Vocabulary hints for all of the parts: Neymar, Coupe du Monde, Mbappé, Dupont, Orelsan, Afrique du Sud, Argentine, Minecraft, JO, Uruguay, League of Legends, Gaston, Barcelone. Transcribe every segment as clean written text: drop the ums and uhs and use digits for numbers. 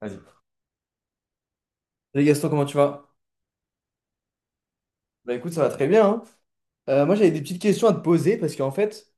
Vas-y. Salut Gaston, comment tu vas? Bah écoute, ça va très bien, hein. Moi, j'avais des petites questions à te poser parce qu'en fait,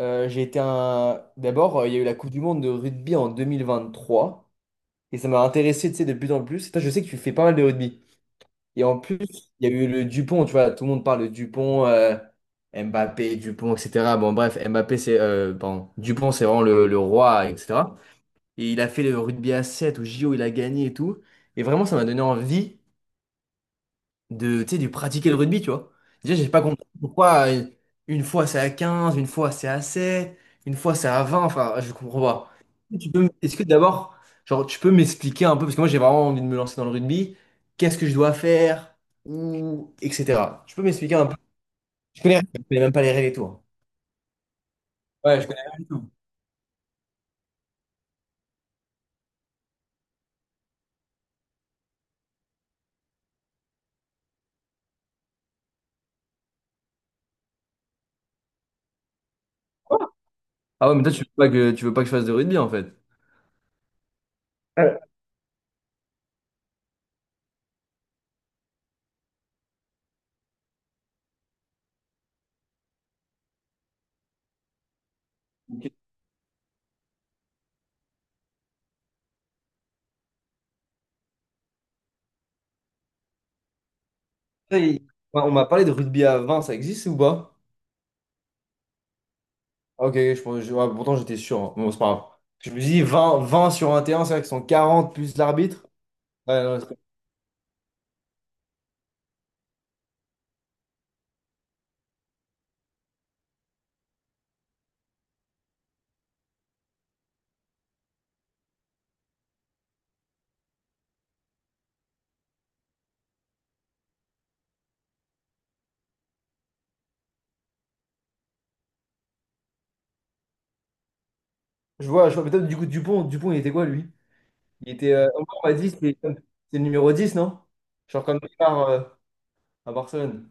j'ai été un. D'abord, il y a eu la Coupe du Monde de rugby en 2023 et ça m'a intéressé, tu sais, de plus en plus. Et toi, je sais que tu fais pas mal de rugby. Et en plus, il y a eu le Dupont, tu vois, tout le monde parle de Dupont, Mbappé, Dupont, etc. Bon, bref, Mbappé, c'est. Pardon, Dupont, c'est vraiment le roi, etc. Et il a fait le rugby à 7 au JO, il a gagné et tout. Et vraiment, ça m'a donné envie, tu sais, de pratiquer le rugby, tu vois. Déjà, j'ai pas compris pourquoi une fois c'est à quinze, une fois c'est à sept, une fois c'est à vingt, enfin, je comprends pas. Est-ce que d'abord, genre, tu peux m'expliquer un peu, parce que moi j'ai vraiment envie de me lancer dans le rugby? Qu'est-ce que je dois faire, ou, etc.? Tu peux m'expliquer un peu? Je connais même pas les règles et tout, hein. Ouais, je connais rien du tout. Ah ouais, mais toi, tu veux pas que je fasse de rugby, en fait. Ouais. Ok. Ça, il- On m'a parlé de rugby à vingt, ça existe ou pas? Ah, ok, ok, ouais, pourtant j'étais sûr, hein. Bon, c'est pas grave. Je me suis dit 20, 20 sur 21, c'est vrai qu'ils sont 40 plus l'arbitre. Ouais, non, je vois peut-être. Du coup Dupont, Dupont, il était quoi lui? Il était. Omar on m'a dit, c'est le numéro 10, non? Genre comme Neymar à Barcelone.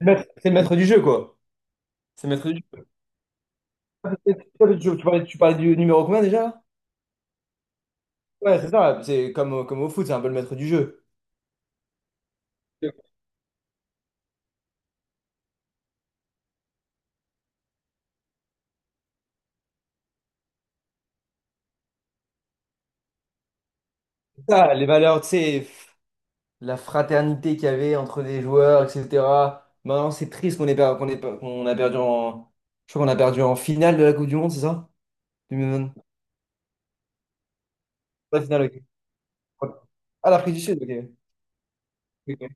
C'est le maître du jeu, quoi. C'est le maître du jeu. Tu parlais du numéro combien déjà? Ouais, c'est ça. C'est comme au foot, c'est un peu le maître du jeu. C'est ça, les valeurs, tu sais, la fraternité qu'il y avait entre les joueurs, etc. Maintenant, c'est triste qu'on a perdu en. Je crois qu'on a perdu en finale de la Coupe du Monde, c'est ça? 2020. Pas finale, ok. Ouais. Ah, l'Afrique du Sud, ok. Ok.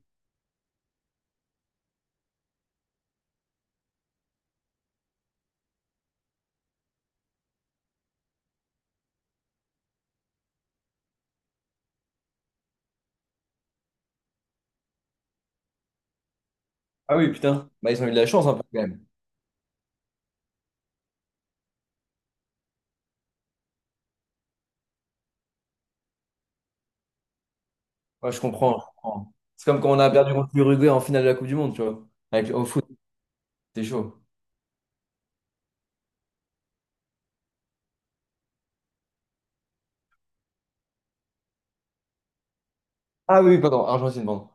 Ah oui, putain. Bah, ils ont eu de la chance un peu quand même. Ouais, je comprends, je comprends. C'est comme quand on a perdu contre l'Uruguay en finale de la Coupe du Monde, tu vois. Avec, au foot, c'est chaud. Ah oui, oui, pardon, Argentine, pardon.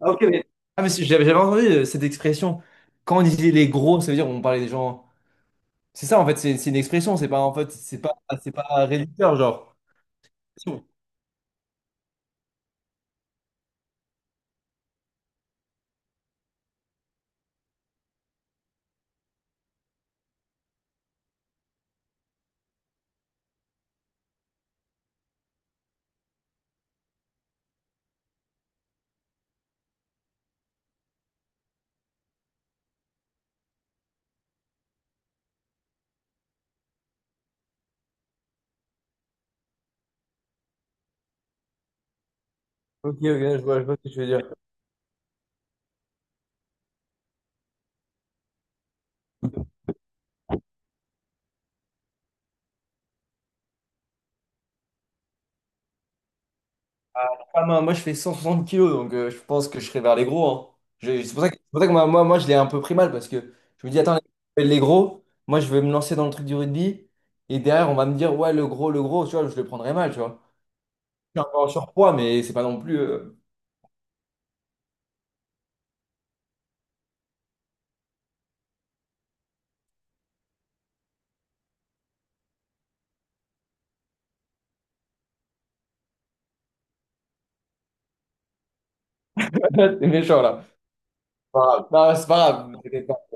Ah, ok, mais. Ah, mais si, j'avais entendu cette expression. Quand on disait les gros, ça veut dire on parlait des gens. C'est ça, en fait, c'est une expression, c'est pas, en fait, c'est pas réducteur, genre. Ok, ok, je vois ce que tu veux dire. Ah, moi, moi, je fais 160 kilos, donc je pense que je serai vers les gros, hein. C'est pour ça que moi, moi, moi, je l'ai un peu pris mal parce que je me dis, attends, les gros, moi, je vais me lancer dans le truc du rugby et derrière, on va me dire, ouais, le gros, tu vois, je le prendrai mal, tu vois. Je suis un peu en surpoids, mais c'est pas non plus. C'est méchant, là. C'est pas grave. Non, c'est pas grave. Vous pas.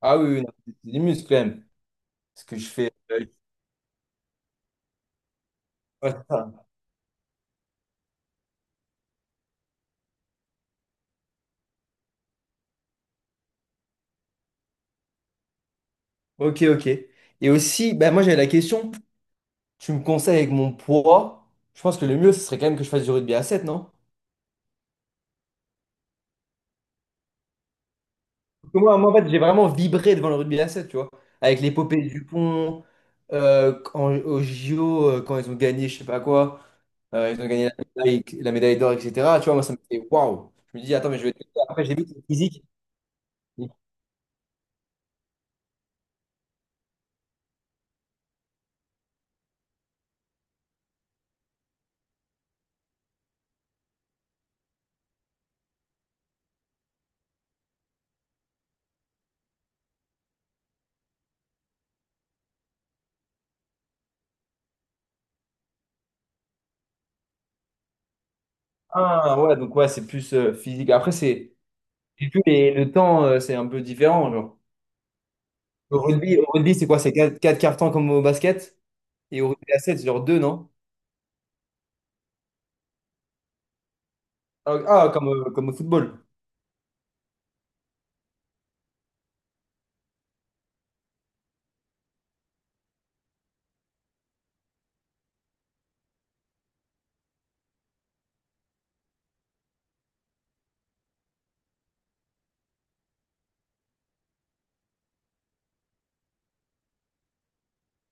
Ah oui, oui, non, c'est des muscles quand même. Ce que je fais, ouais. Ok, ok. Et aussi, bah moi j'avais la question, tu me conseilles avec mon poids, je pense que le mieux, ce serait quand même que je fasse du rugby à sept, non? Parce que moi, moi, en fait, j'ai vraiment vibré devant le rugby à sept, tu vois. Avec l'épopée du pont, quand, au JO, quand ils ont gagné, je sais pas quoi, ils ont gagné la médaille d'or, etc. Tu vois, moi, ça me fait waouh. Je me dis, attends, mais je vais tester. Après, j'ai vu que c'est physique. Ah, ouais, donc ouais, c'est plus physique. Après, c'est. J'ai vu, mais le temps, c'est un peu différent. Genre. Au rugby, c'est quoi? C'est 4 quarts temps comme au basket? Et au rugby à 7, c'est genre 2, non? Ah, ah, comme au football.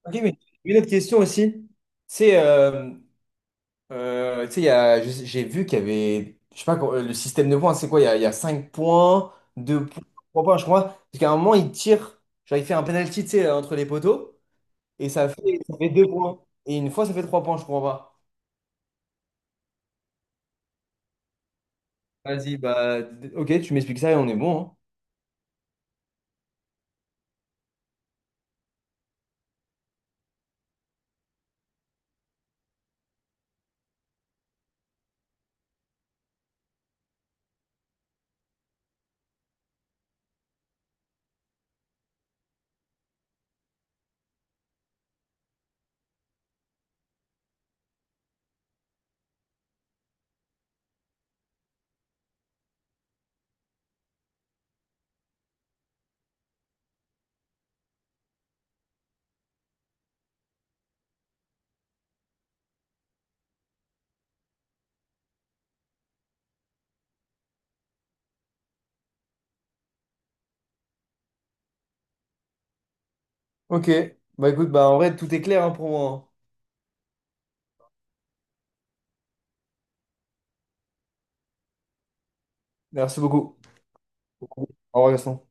Ok, mais une autre question aussi. C'est, euh, tu sais, il y a- je sais- j'ai vu qu'il y avait, je sais pas, quoi, le système de points, c'est quoi? Il y a 5 points, 2 points, 3 points, je crois. Parce qu'à un moment, il tire, genre il fait un penalty, tu sais, entre les poteaux, et ça fait 2 points. Et une fois, ça fait 3 points, je crois pas. Vas-y, bah, ok, tu m'expliques ça et on est bon, hein. Ok, bah écoute, bah en vrai, tout est clair, hein, pour moi, hein. Merci beaucoup. Au revoir, Gaston.